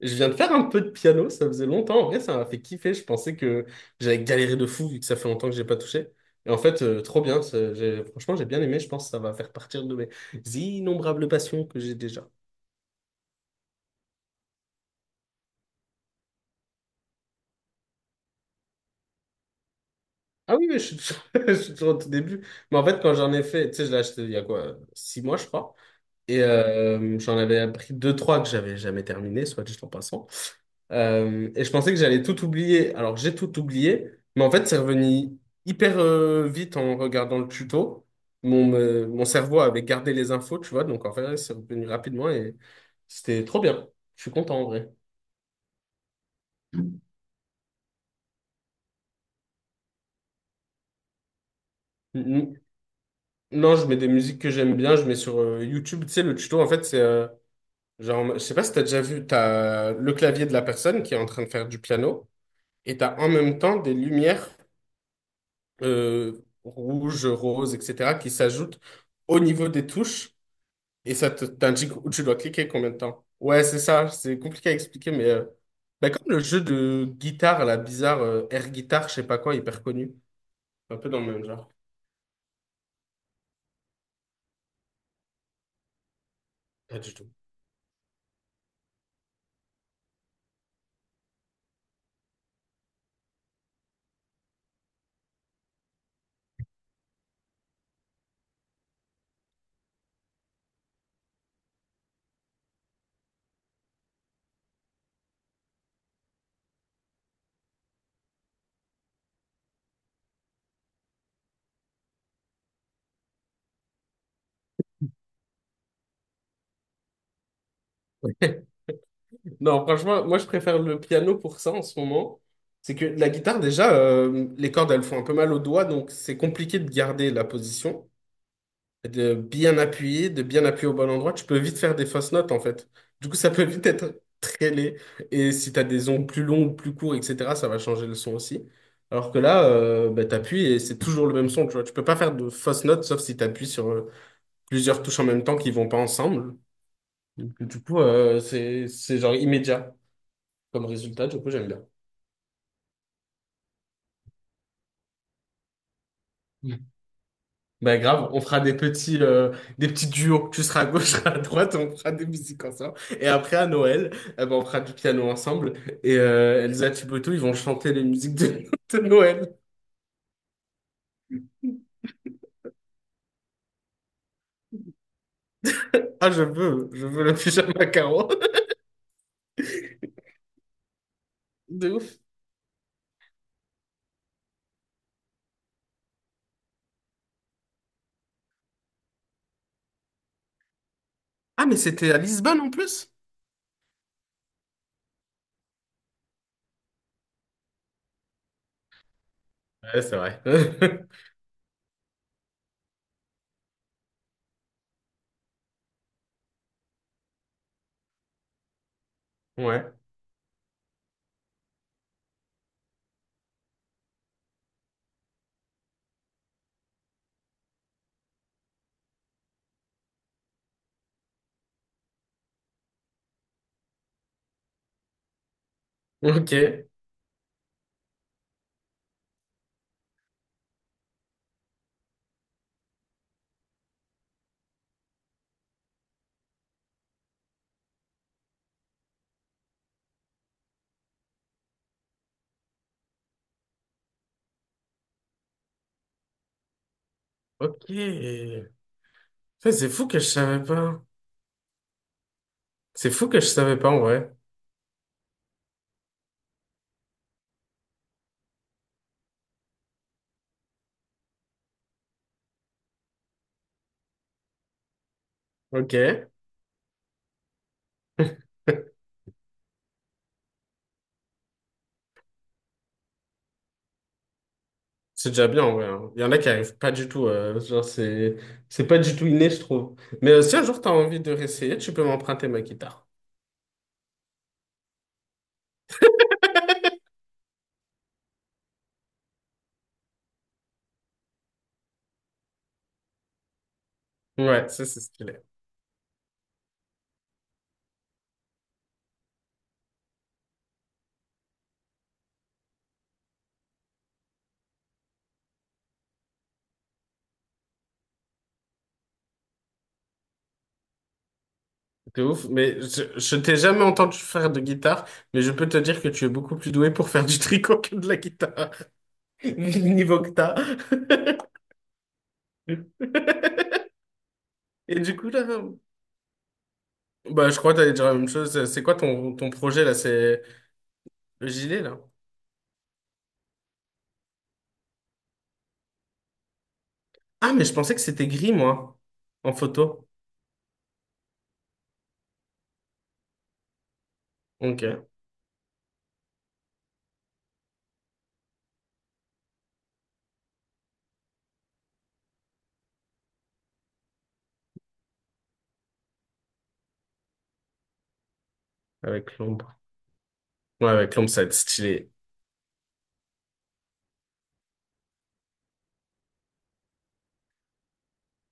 Je viens de faire un peu de piano, ça faisait longtemps. En vrai, ça m'a fait kiffer. Je pensais que j'allais galérer de fou vu que ça fait longtemps que j'ai pas touché. Et en fait, trop bien. Franchement, j'ai bien aimé. Je pense que ça va faire partir de mes innombrables passions que j'ai déjà. Ah oui, mais je suis toujours... je suis toujours au tout début. Mais en fait, quand j'en ai fait, tu sais, je l'ai acheté il y a quoi, 6 mois, je crois. Et j'en avais appris deux, trois que j'avais jamais terminé, soit dit en passant. Et je pensais que j'allais tout oublier. Alors j'ai tout oublié, mais en fait c'est revenu hyper vite en regardant le tuto. Mon cerveau avait gardé les infos, tu vois, donc en fait c'est revenu rapidement et c'était trop bien. Je suis content en vrai. N- Non, je mets des musiques que j'aime bien, je mets sur YouTube, tu sais, le tuto en fait c'est genre, je sais pas si t'as déjà vu, t'as le clavier de la personne qui est en train de faire du piano et t'as en même temps des lumières euh, rouge, rose, etc., qui s'ajoutent au niveau des touches et t'indique où tu dois cliquer combien de temps. Ouais, c'est ça, c'est compliqué à expliquer, mais bah, comme le jeu de guitare, la bizarre air guitare, je sais pas quoi, hyper connu, un peu dans le même genre. Pas du tout. Non, franchement, moi je préfère le piano pour ça en ce moment. C'est que la guitare, déjà, les cordes, elles font un peu mal aux doigts, donc c'est compliqué de garder la position, de bien appuyer au bon endroit, tu peux vite faire des fausses notes en fait. Du coup, ça peut vite être très laid. Et si tu as des ongles plus longs ou plus courts, etc., ça va changer le son aussi. Alors que là, bah, t'appuies et c'est toujours le même son, tu vois. Tu peux pas faire de fausses notes sauf si t'appuies sur plusieurs touches en même temps qui vont pas ensemble. Donc, du coup, c'est genre immédiat comme résultat, du coup, j'aime bien. Bah grave, on fera des petits duos. Tu seras à gauche, je serai à droite, on fera des musiques ensemble. Et après, à Noël, eh ben, on fera du piano ensemble. Et Elsa Thibodeau, ils vont chanter les musiques de, de Noël. Ah, je veux le pyjama carreau. De ouf. Ah, mais c'était à Lisbonne en plus? Ouais, c'est vrai. Ouais. Ok. Ok. Ça, c'est fou que je savais pas. C'est fou que je savais pas en vrai. Ok. C'est déjà bien, ouais, hein. Il y en a qui arrivent pas du tout, genre, c'est pas du tout inné, je trouve. Mais si un jour t'as envie de réessayer, tu peux m'emprunter ma guitare. Ouais, ça c'est stylé. T'es ouf. Mais je t'ai jamais entendu faire de guitare, mais je peux te dire que tu es beaucoup plus doué pour faire du tricot que de la guitare, vu le niveau que t'as. Et du coup, là, bah, je crois que t'allais dire la même chose. C'est quoi ton projet, là? C'est le gilet, là? Ah, mais je pensais que c'était gris, moi, en photo. Ok, avec l'ombre. Ouais, avec Londres, ça va être stylé.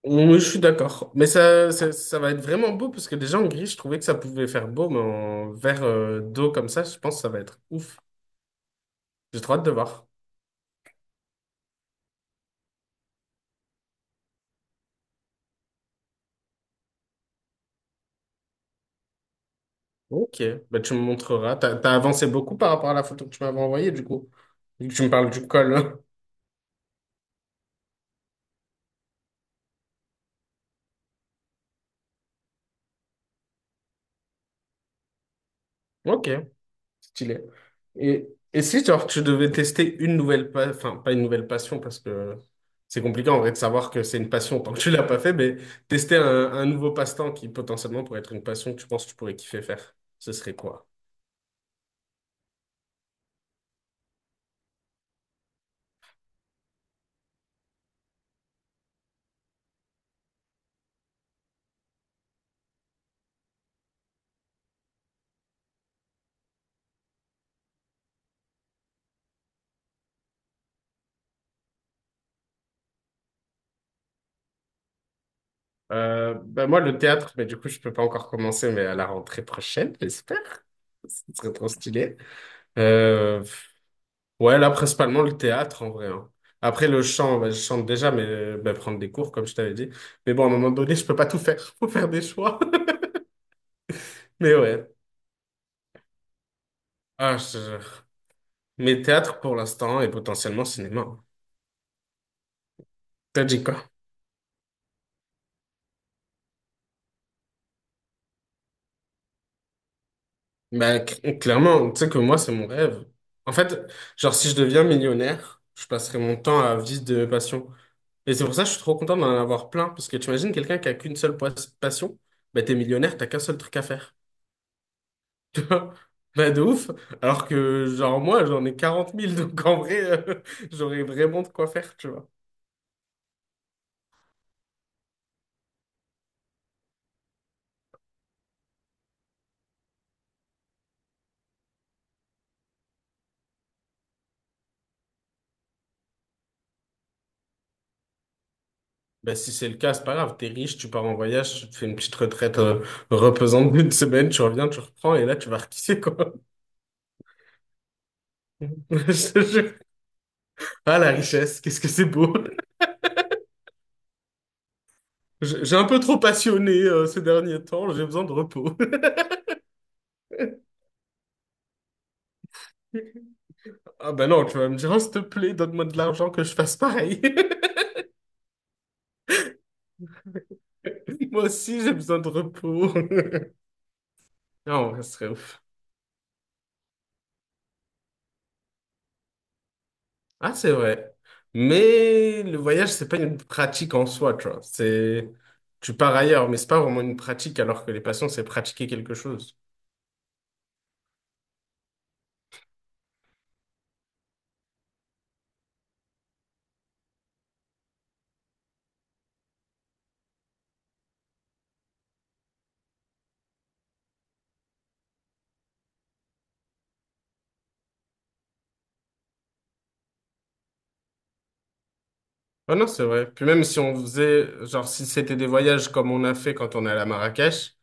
Oui, je suis d'accord. Mais ça va être vraiment beau parce que déjà en gris, je trouvais que ça pouvait faire beau, mais en vert d'eau comme ça, je pense que ça va être ouf. J'ai trop hâte de voir. Ok, bah, tu me montreras. T'as avancé beaucoup par rapport à la photo que tu m'avais envoyée, du coup. Vu que tu me parles du col. Ok. Stylé. Et, et si genre, tu devais tester enfin pas une nouvelle passion parce que c'est compliqué en vrai de savoir que c'est une passion tant que tu l'as pas fait, mais tester un nouveau passe-temps qui potentiellement pourrait être une passion que tu penses que tu pourrais kiffer faire, ce serait quoi? Ben moi le théâtre, mais du coup je peux pas encore commencer, mais à la rentrée prochaine, j'espère. Ce serait trop stylé. Euh, Ouais, là, principalement le théâtre, en vrai, hein. Après, le chant, bah, je chante déjà, mais bah, prendre des cours, comme je t'avais dit. Mais bon, à un moment donné, je peux pas tout faire. Faut faire des choix. Mais ouais. Ah, je... te jure. Mais théâtre pour l'instant et potentiellement cinéma, hein. T'as dit quoi? Bah, clairement, tu sais que moi, c'est mon rêve. En fait, genre, si je deviens millionnaire, je passerai mon temps à vivre de passion. Et c'est pour ça que je suis trop content d'en avoir plein. Parce que tu imagines quelqu'un qui a qu'passion, bah, t'es millionnaire, t'as qu'un seul truc à faire. Bah de ouf. Alors que genre moi j'en ai 40 000 donc en vrai euh, j'aurais vraiment de quoi faire tu vois. Bah si c'est le cas c'est pas grave, t'es riche, tu pars en voyage, tu te fais une petite retraite reposante d'une semaine, tu reviens, tu reprends et là tu vas rekiffer quoi. Je te jure. Ah la richesse, qu'est-ce que c'est beau. J'ai un peu trop passionné ces derniers temps, j'ai besoin de repos. Ah bah non tu vas me dire oh, s'il te plaît donne-moi de l'argent que je fasse pareil. Moi aussi j'ai besoin de repos. Non ce serait Ah, c'est vrai. Mais le voyage, c'est pas une pratique en soi, tu vois. C'est, tu pars ailleurs, mais c'est pas vraiment une pratique, alors que les passions, c'est pratiquer quelque chose. Ah non, c'est vrai. Puis même si on faisait, genre, si c'était des voyages comme on a fait quand on est allé à Marrakech,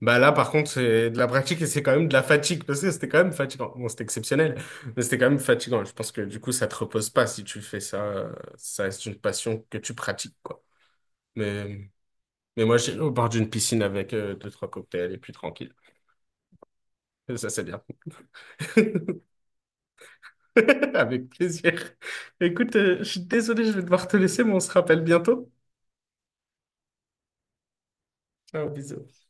bah là, par contre, c'est de la pratique et c'est quand même de la fatigue, parce que c'était quand même fatigant. Bon, c'était exceptionnel, mais c'était quand même fatigant. Je pense que du coup, ça te repose pas si tu fais ça. Ça reste une passion que tu pratiques, quoi. Mais, mais moi, j'ai au bord d'une piscine avec deux, trois cocktails et puis tranquille. Ça, c'est bien. Avec plaisir. Écoute, je suis désolé, je vais devoir te laisser, mais on se rappelle bientôt. Ciao, bisous.